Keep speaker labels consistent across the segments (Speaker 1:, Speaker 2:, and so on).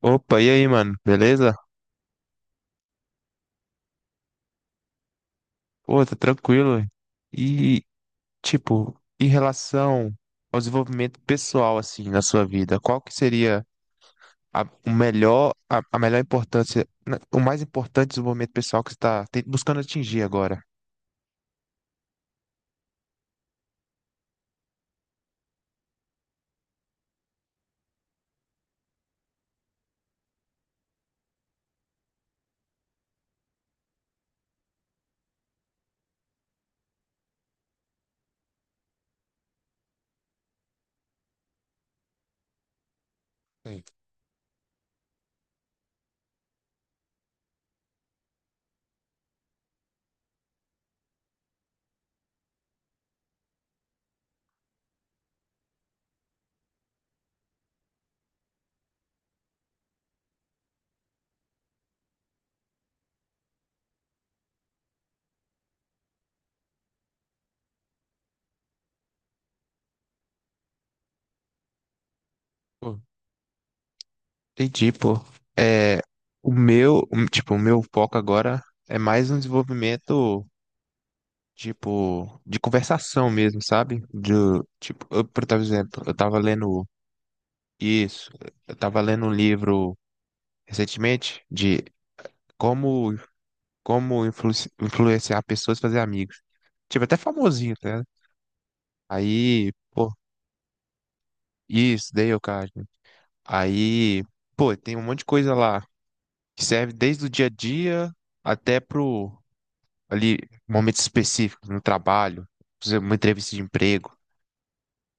Speaker 1: Opa, e aí, mano? Beleza? Pô, tá tranquilo. E, Em relação ao desenvolvimento pessoal, assim, na sua vida, qual que seria a, o melhor, a melhor importância, o mais importante desenvolvimento pessoal que você tá buscando atingir agora? Sim. Pô, entendi, pô. É, o meu foco agora é mais um desenvolvimento, tipo, de conversação mesmo, sabe? De, tipo, eu, por exemplo, eu tava lendo. Isso. Eu estava lendo um livro recentemente de como, como influenciar pessoas a fazer amigos. Tive até famosinho, tá? Ligado? Aí, pô, isso, Dale Carnegie. Aí, pô, tem um monte de coisa lá que serve desde o dia a dia até pro ali momentos específicos no trabalho, por exemplo, uma entrevista de emprego,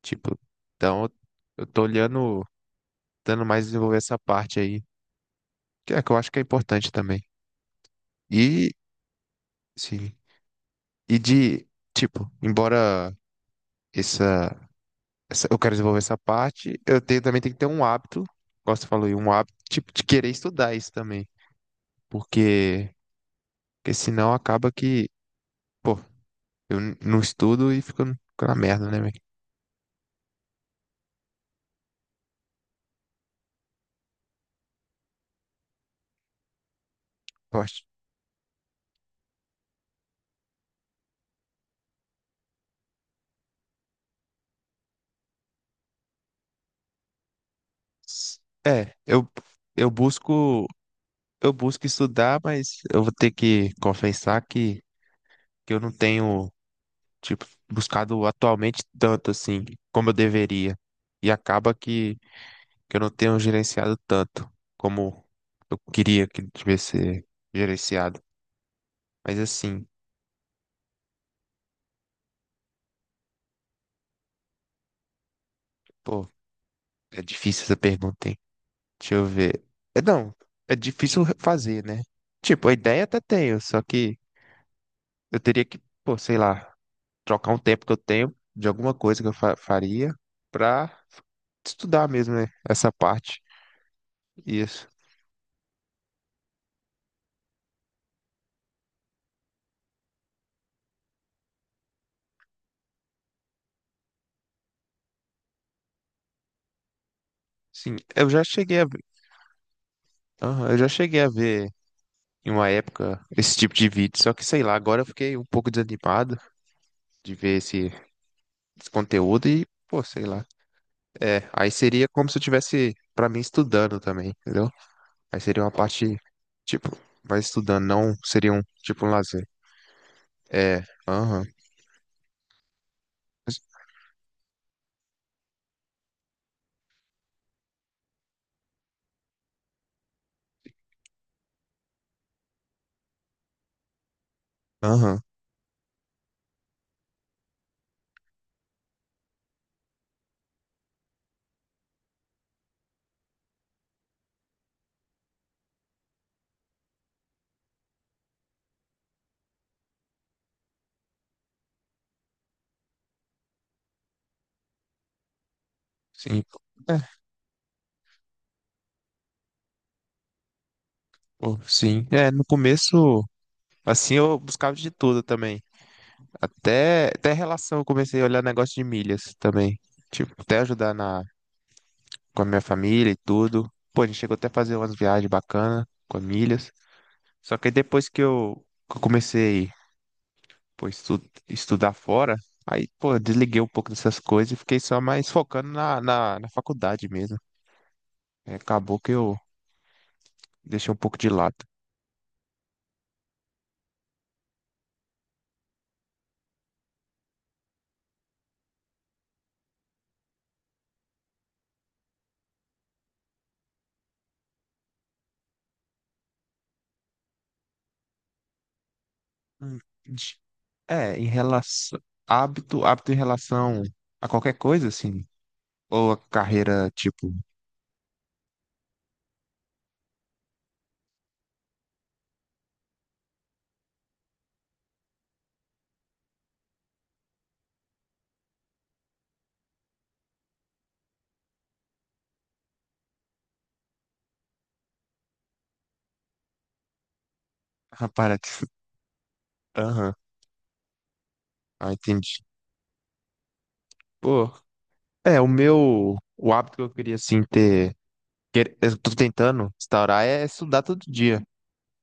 Speaker 1: tipo. Então, eu tô olhando, dando mais desenvolver essa parte aí, que eu acho que é importante também. E sim. E de, tipo, embora essa, essa- Eu quero desenvolver essa parte, também tenho que ter um hábito, como você falou, aí, um hábito, tipo, de querer estudar isso também. Porque, porque senão acaba que, pô, eu não estudo e fico na merda, né, velho? Eu acho. É, eu busco, eu busco estudar, mas eu vou ter que confessar que eu não tenho, tipo, buscado atualmente tanto assim como eu deveria. E acaba que eu não tenho gerenciado tanto como eu queria que tivesse ser gerenciado. Mas assim, pô, é difícil essa pergunta, hein? Deixa eu ver. É, não, é difícil fazer, né? Tipo, a ideia até tenho, só que eu teria que, pô, sei lá, trocar um tempo que eu tenho de alguma coisa que eu faria pra estudar mesmo, né? Essa parte. Isso. Sim, eu já cheguei a ver. Aham, eu já cheguei a ver em uma época esse tipo de vídeo, só que sei lá, agora eu fiquei um pouco desanimado de ver esse conteúdo e, pô, sei lá. É, aí seria como se eu tivesse, pra mim, estudando também, entendeu? Aí seria uma parte, tipo, vai estudando, não seria um, tipo, um lazer. É, aham, aham, sim. É, pô, sim. É, no começo, assim, eu buscava de tudo também. Até relação, eu comecei a olhar negócio de milhas também. Tipo, até ajudar na, com a minha família e tudo. Pô, a gente chegou até a fazer umas viagens bacanas com a milhas. Só que aí depois que eu comecei, pô, estudar fora, aí, pô, eu desliguei um pouco dessas coisas e fiquei só mais focando na faculdade mesmo. Aí acabou que eu deixei um pouco de lado. Hum, de- É, em relação, hábito, hábito em relação a qualquer coisa, assim, ou a carreira, tipo, para que... Aham, ah, entendi. Pô, é, o hábito que eu queria, assim, ter, que eu tô tentando instaurar é estudar todo dia.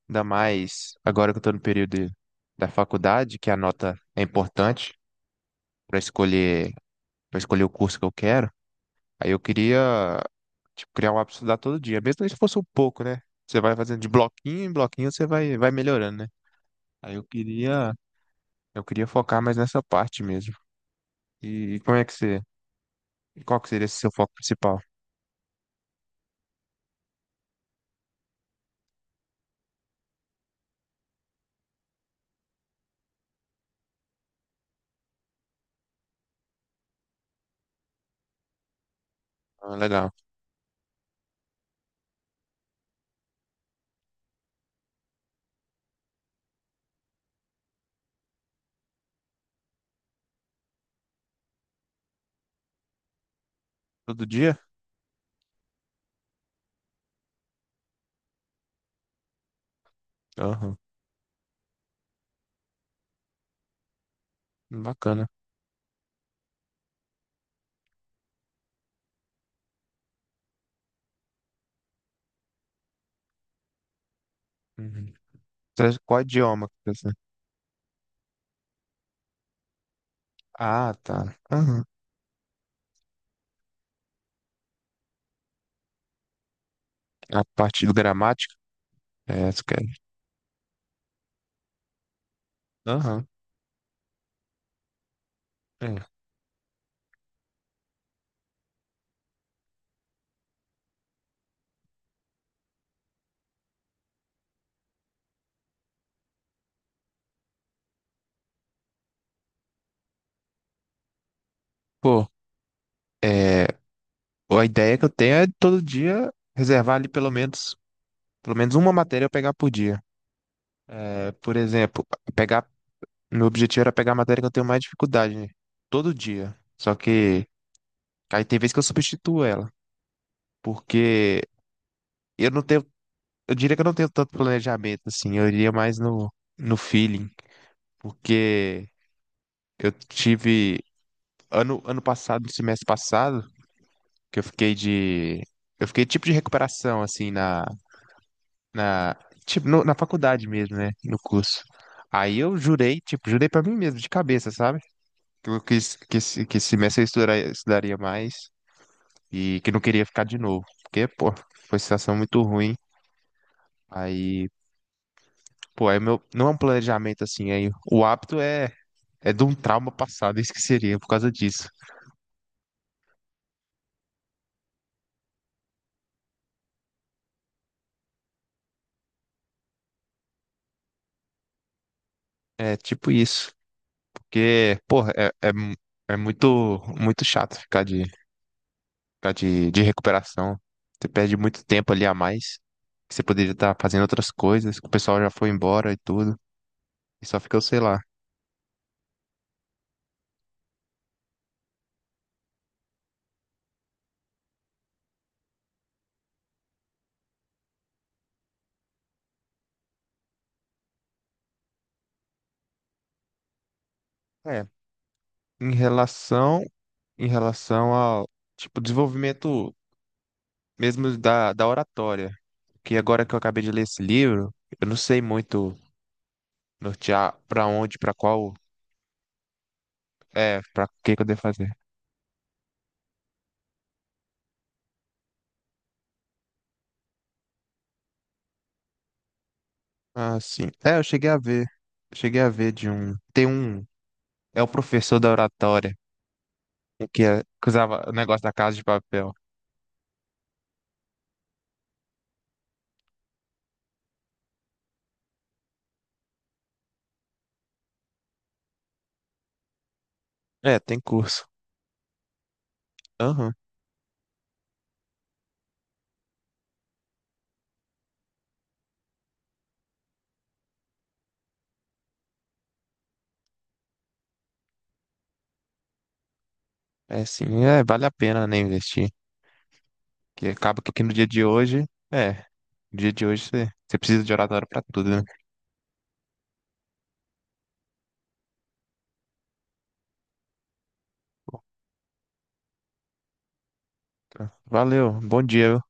Speaker 1: Ainda mais agora que eu tô no da faculdade, que a nota é importante para escolher, para escolher o curso que eu quero. Aí eu queria, tipo, criar um hábito de estudar todo dia, mesmo se fosse um pouco, né? Você vai fazendo de bloquinho em bloquinho, você vai, vai melhorando, né? Aí eu queria, eu queria focar mais nessa parte mesmo. E, como é que você, e qual que seria esse seu foco principal? Ah, legal. Todo dia? Aham. Bacana. Uhum. Tra- Qual idioma que você... Ah, tá. Aham. A parte do gramática? É, aham. É. Pô, é, a ideia que eu tenho é todo dia reservar ali pelo menos uma matéria eu pegar por dia. É, por exemplo, pegar, meu objetivo era pegar a matéria que eu tenho mais dificuldade, né? Todo dia. Só que aí tem vezes que eu substituo ela, porque eu não tenho, eu diria que eu não tenho tanto planejamento assim, eu iria mais no feeling, porque eu tive ano passado, no semestre passado, que eu fiquei de, eu fiquei tipo de recuperação assim na, na faculdade mesmo, né? No curso. Aí eu jurei, tipo, jurei pra mim mesmo, de cabeça, sabe? Que eu quis, que esse semestre eu estudaria mais e que não queria ficar de novo. Porque, pô, foi situação muito ruim. Aí, pô, aí meu, não é um planejamento assim, aí o hábito é, é de um trauma passado, isso que seria, por causa disso. É tipo isso. Porque, pô, é muito, muito chato ficar de recuperação. Você perde muito tempo ali a mais, que você poderia estar fazendo outras coisas, que o pessoal já foi embora e tudo, e só fica, o sei lá. É, em relação, em relação ao, tipo, desenvolvimento mesmo da oratória, que agora que eu acabei de ler esse livro, eu não sei muito nortear pra onde, pra qual, é, pra que que eu devo fazer. Ah, sim. É, eu cheguei a ver, eu cheguei a ver de um, tem um, é o professor da oratória, o que, é, que usava o negócio da casa de papel. É, tem curso. Aham. É sim, é, vale a pena, né, investir. Que acaba que aqui no dia de hoje, é, no dia de hoje você precisa de oratório pra tudo, né? Então, valeu, bom dia.